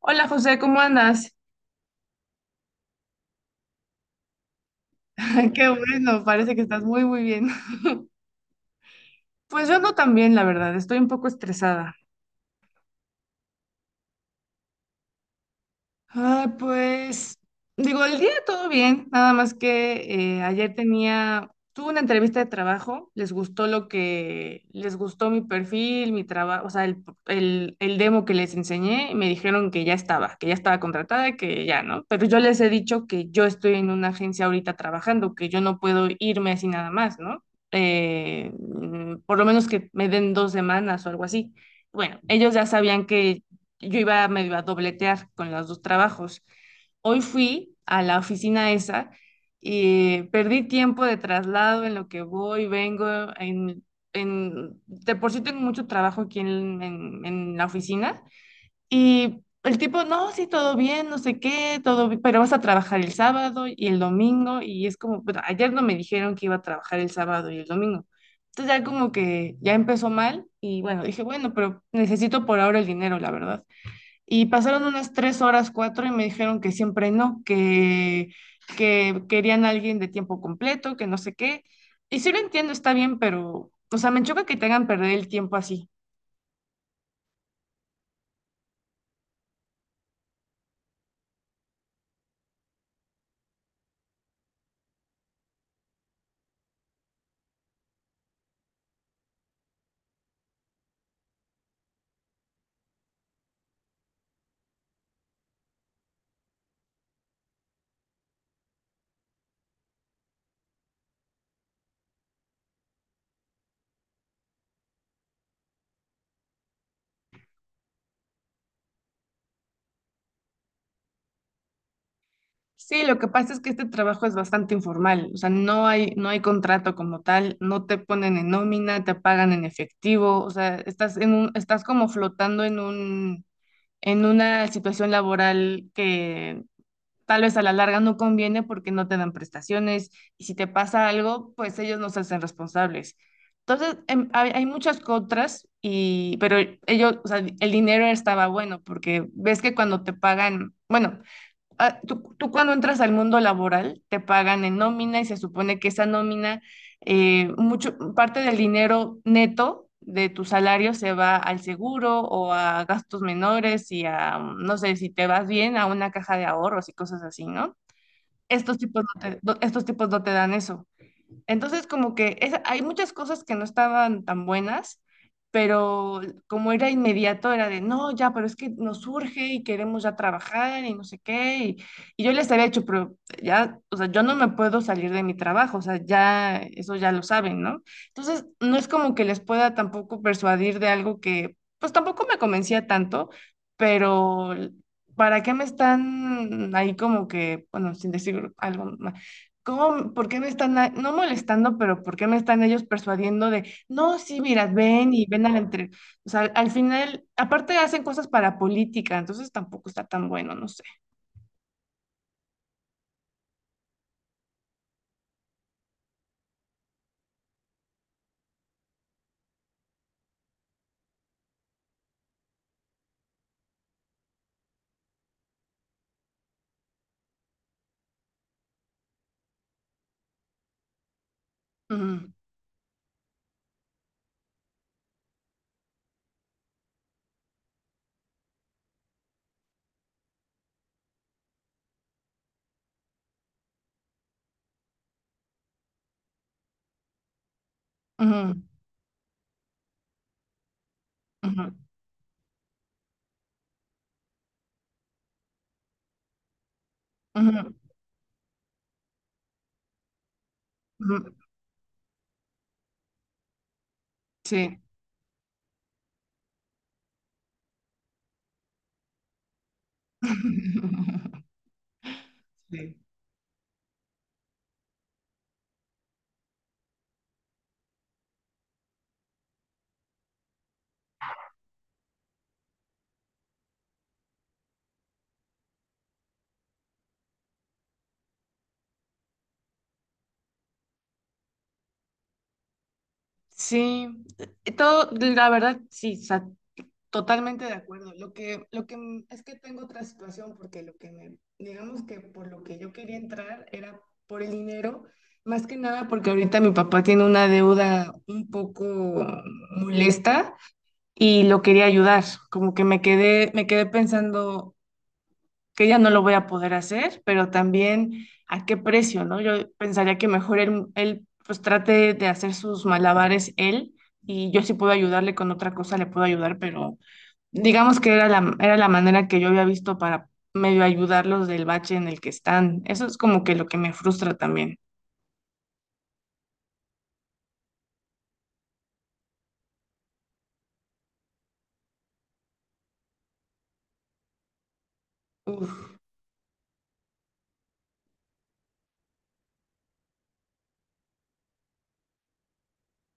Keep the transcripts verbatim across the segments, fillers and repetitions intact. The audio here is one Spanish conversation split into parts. Hola José, ¿cómo andas? Qué bueno, parece que estás muy, muy bien. Pues yo ando también, la verdad, estoy un poco estresada. Ah, pues digo, el día todo bien, nada más que eh, ayer tenía, tuve una entrevista de trabajo, les gustó lo que, les gustó mi perfil, mi trabajo, o sea, el, el, el demo que les enseñé y me dijeron que ya estaba, que ya estaba contratada, que ya, ¿no? Pero yo les he dicho que yo estoy en una agencia ahorita trabajando, que yo no puedo irme así nada más, ¿no? Eh, mm, por lo menos que me den dos semanas o algo así. Bueno, ellos ya sabían que yo iba medio a dobletear con los dos trabajos. Hoy fui a la oficina esa y perdí tiempo de traslado en lo que voy, vengo, en, en, de por sí tengo mucho trabajo aquí en, en, en la oficina y el tipo, no, sí, todo bien, no sé qué, todo bi- pero vas a trabajar el sábado y el domingo y es como, "Pero ayer no me dijeron que iba a trabajar el sábado y el domingo. Entonces ya como que ya empezó mal y bueno, dije, bueno, pero necesito por ahora el dinero, la verdad. Y pasaron unas tres horas, cuatro, y me dijeron que siempre no, que, que querían a alguien de tiempo completo, que no sé qué. Y sí lo entiendo, está bien, pero, o sea, me choca que te hagan perder el tiempo así. Sí, lo que pasa es que este trabajo es bastante informal, o sea, no hay, no hay contrato como tal, no te ponen en nómina, te pagan en efectivo, o sea, estás en un, estás como flotando en un, en una situación laboral que tal vez a la larga no conviene porque no te dan prestaciones y si te pasa algo, pues ellos no se hacen responsables. Entonces, em, hay, hay muchas contras, y, pero ellos, o sea, el dinero estaba bueno porque ves que cuando te pagan, bueno, ah, tú, tú cuando entras al mundo laboral te pagan en nómina y se supone que esa nómina, eh, mucho, parte del dinero neto de tu salario se va al seguro o a gastos menores y a, no sé, si te vas bien, a una caja de ahorros y cosas así, ¿no? Estos tipos no te- no- estos tipos no te dan eso. Entonces, como que es, hay muchas cosas que no estaban tan buenas, pero como era inmediato, era de, no, ya, pero es que nos urge y queremos ya trabajar y no sé qué. Y, y yo les había dicho, pero ya, o sea, yo no me puedo salir de mi trabajo, o sea, ya, eso ya lo saben, ¿no? Entonces, no es como que les pueda tampoco persuadir de algo que, pues tampoco me convencía tanto, pero... ¿Para qué me están ahí como que, bueno, sin decir algo más? ¿Cómo, por qué me están, a- no molestando, pero por qué me están ellos persuadiendo de, no, sí, mira, ven y ven a la entre... O sea, al final, aparte hacen cosas para política, entonces tampoco está tan bueno, no sé. Ujú, ujú, ujú, ujú, ujú. Sí. Sí. Sí, eh, todo, la verdad, sí, totalmente de acuerdo. Lo que, lo que m- es que tengo otra situación porque lo que me, digamos que por lo que yo quería entrar era por el dinero, más que nada porque ahorita mi papá tiene una deuda un poco molesta y lo quería ayudar. Como que me quedé, me quedé pensando que ya no lo voy a poder hacer, pero también a qué precio, ¿no? Yo pensaría que mejor él, él pues trate de hacer sus malabares él y yo sí puedo ayudarle con otra cosa, le puedo ayudar, pero digamos que era la, era la manera que yo había visto para medio ayudarlos del bache en el que están. Eso es como que lo que me frustra también. Uf,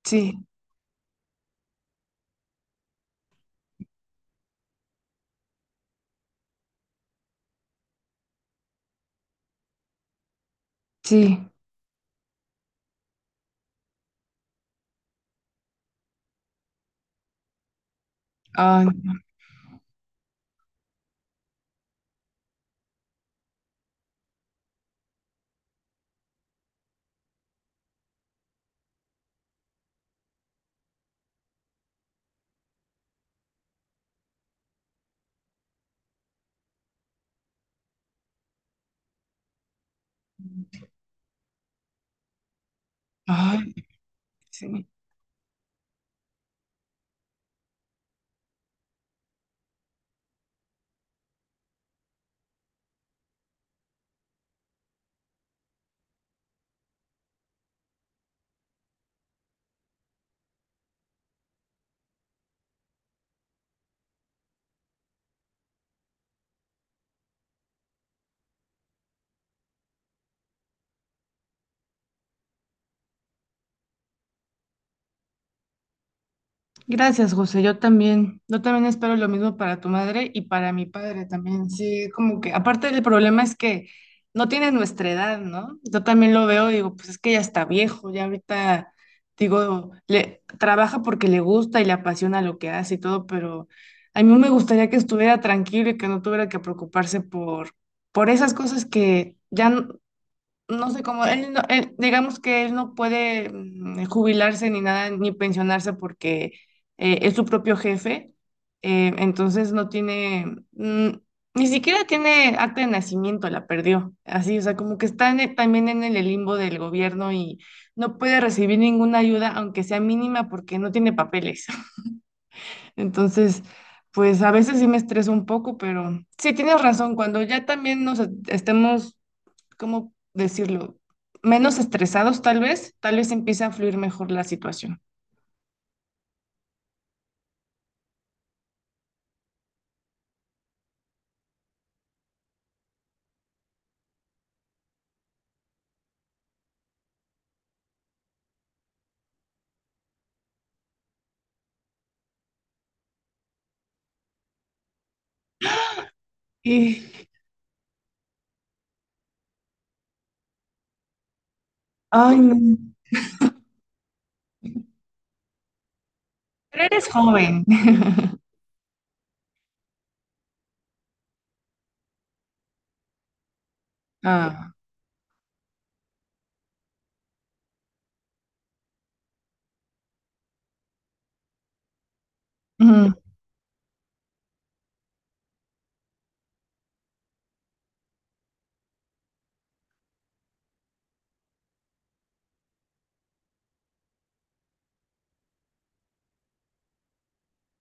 sí, sí. Ay, ay, sí. Gracias, José. Yo también, yo también espero lo mismo para tu madre y para mi padre también. Sí, como que aparte el problema es que no tiene nuestra edad, ¿no? Yo también lo veo, digo, pues es que ya está viejo, ya ahorita, digo, le trabaja porque le gusta y le apasiona lo que hace y todo, pero a mí me gustaría que estuviera tranquilo y que no tuviera que preocuparse por, por esas cosas que ya, no sé cómo, él no- él- digamos que él no puede mm, jubilarse ni nada, ni pensionarse porque eh, es su propio jefe, eh, entonces no tiene, mm, ni siquiera tiene acta de nacimiento, la perdió, así, o sea, como que está en el- también en el limbo del gobierno y no puede recibir ninguna ayuda, aunque sea mínima, porque no tiene papeles. Entonces... Pues a veces sí me estreso un poco, pero sí tienes razón, cuando ya también nos estemos, ¿cómo decirlo? Menos estresados tal vez, tal vez empieza a fluir mejor la situación. Y, ay, no. Pero eres joven. Ah, ujú.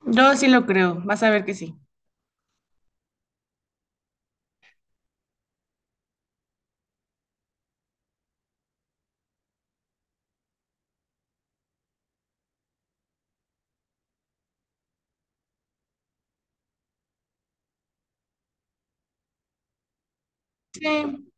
Yo sí lo creo, vas a ver que sí. Sí.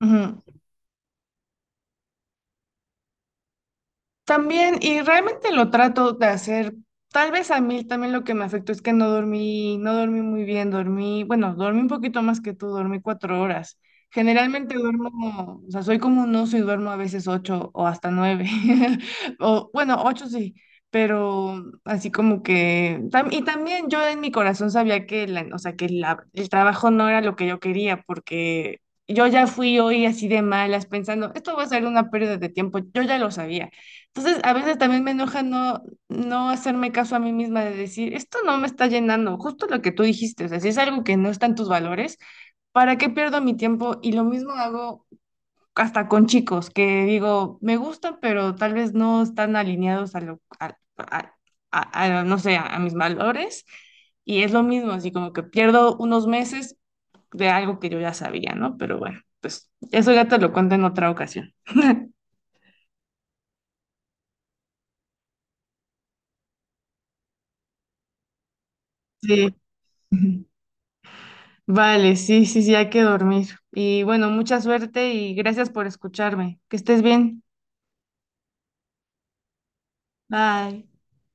Ujú. También, y realmente lo trato de hacer. Tal vez a mí también lo que me afectó es que no dormí, no dormí muy bien, dormí, bueno, dormí un poquito más que tú, dormí cuatro horas. Generalmente duermo, o sea, soy como un oso y duermo a veces ocho o hasta nueve. O, bueno, ocho sí, pero así como que, tam- y también yo en mi corazón sabía que, la, o sea, que la- el trabajo no era lo que yo quería, porque yo ya fui hoy así de malas pensando, esto va a ser una pérdida de tiempo, yo ya lo sabía. Entonces, a veces también me enoja no, no hacerme caso a mí misma de decir, esto no me está llenando, justo lo que tú dijiste, o sea, si es algo que no está en tus valores, ¿para qué pierdo mi tiempo? Y lo mismo hago hasta con chicos, que digo, me gustan, pero tal vez no están alineados a lo, a, a- a- a, no sé, a, a mis valores, y es lo mismo, así como que pierdo unos meses de algo que yo ya sabía, ¿no? Pero bueno, pues eso ya te lo cuento en otra ocasión. Sí. Vale, sí, sí, sí, hay que dormir. Y bueno, mucha suerte y gracias por escucharme. Que estés bien. Bye.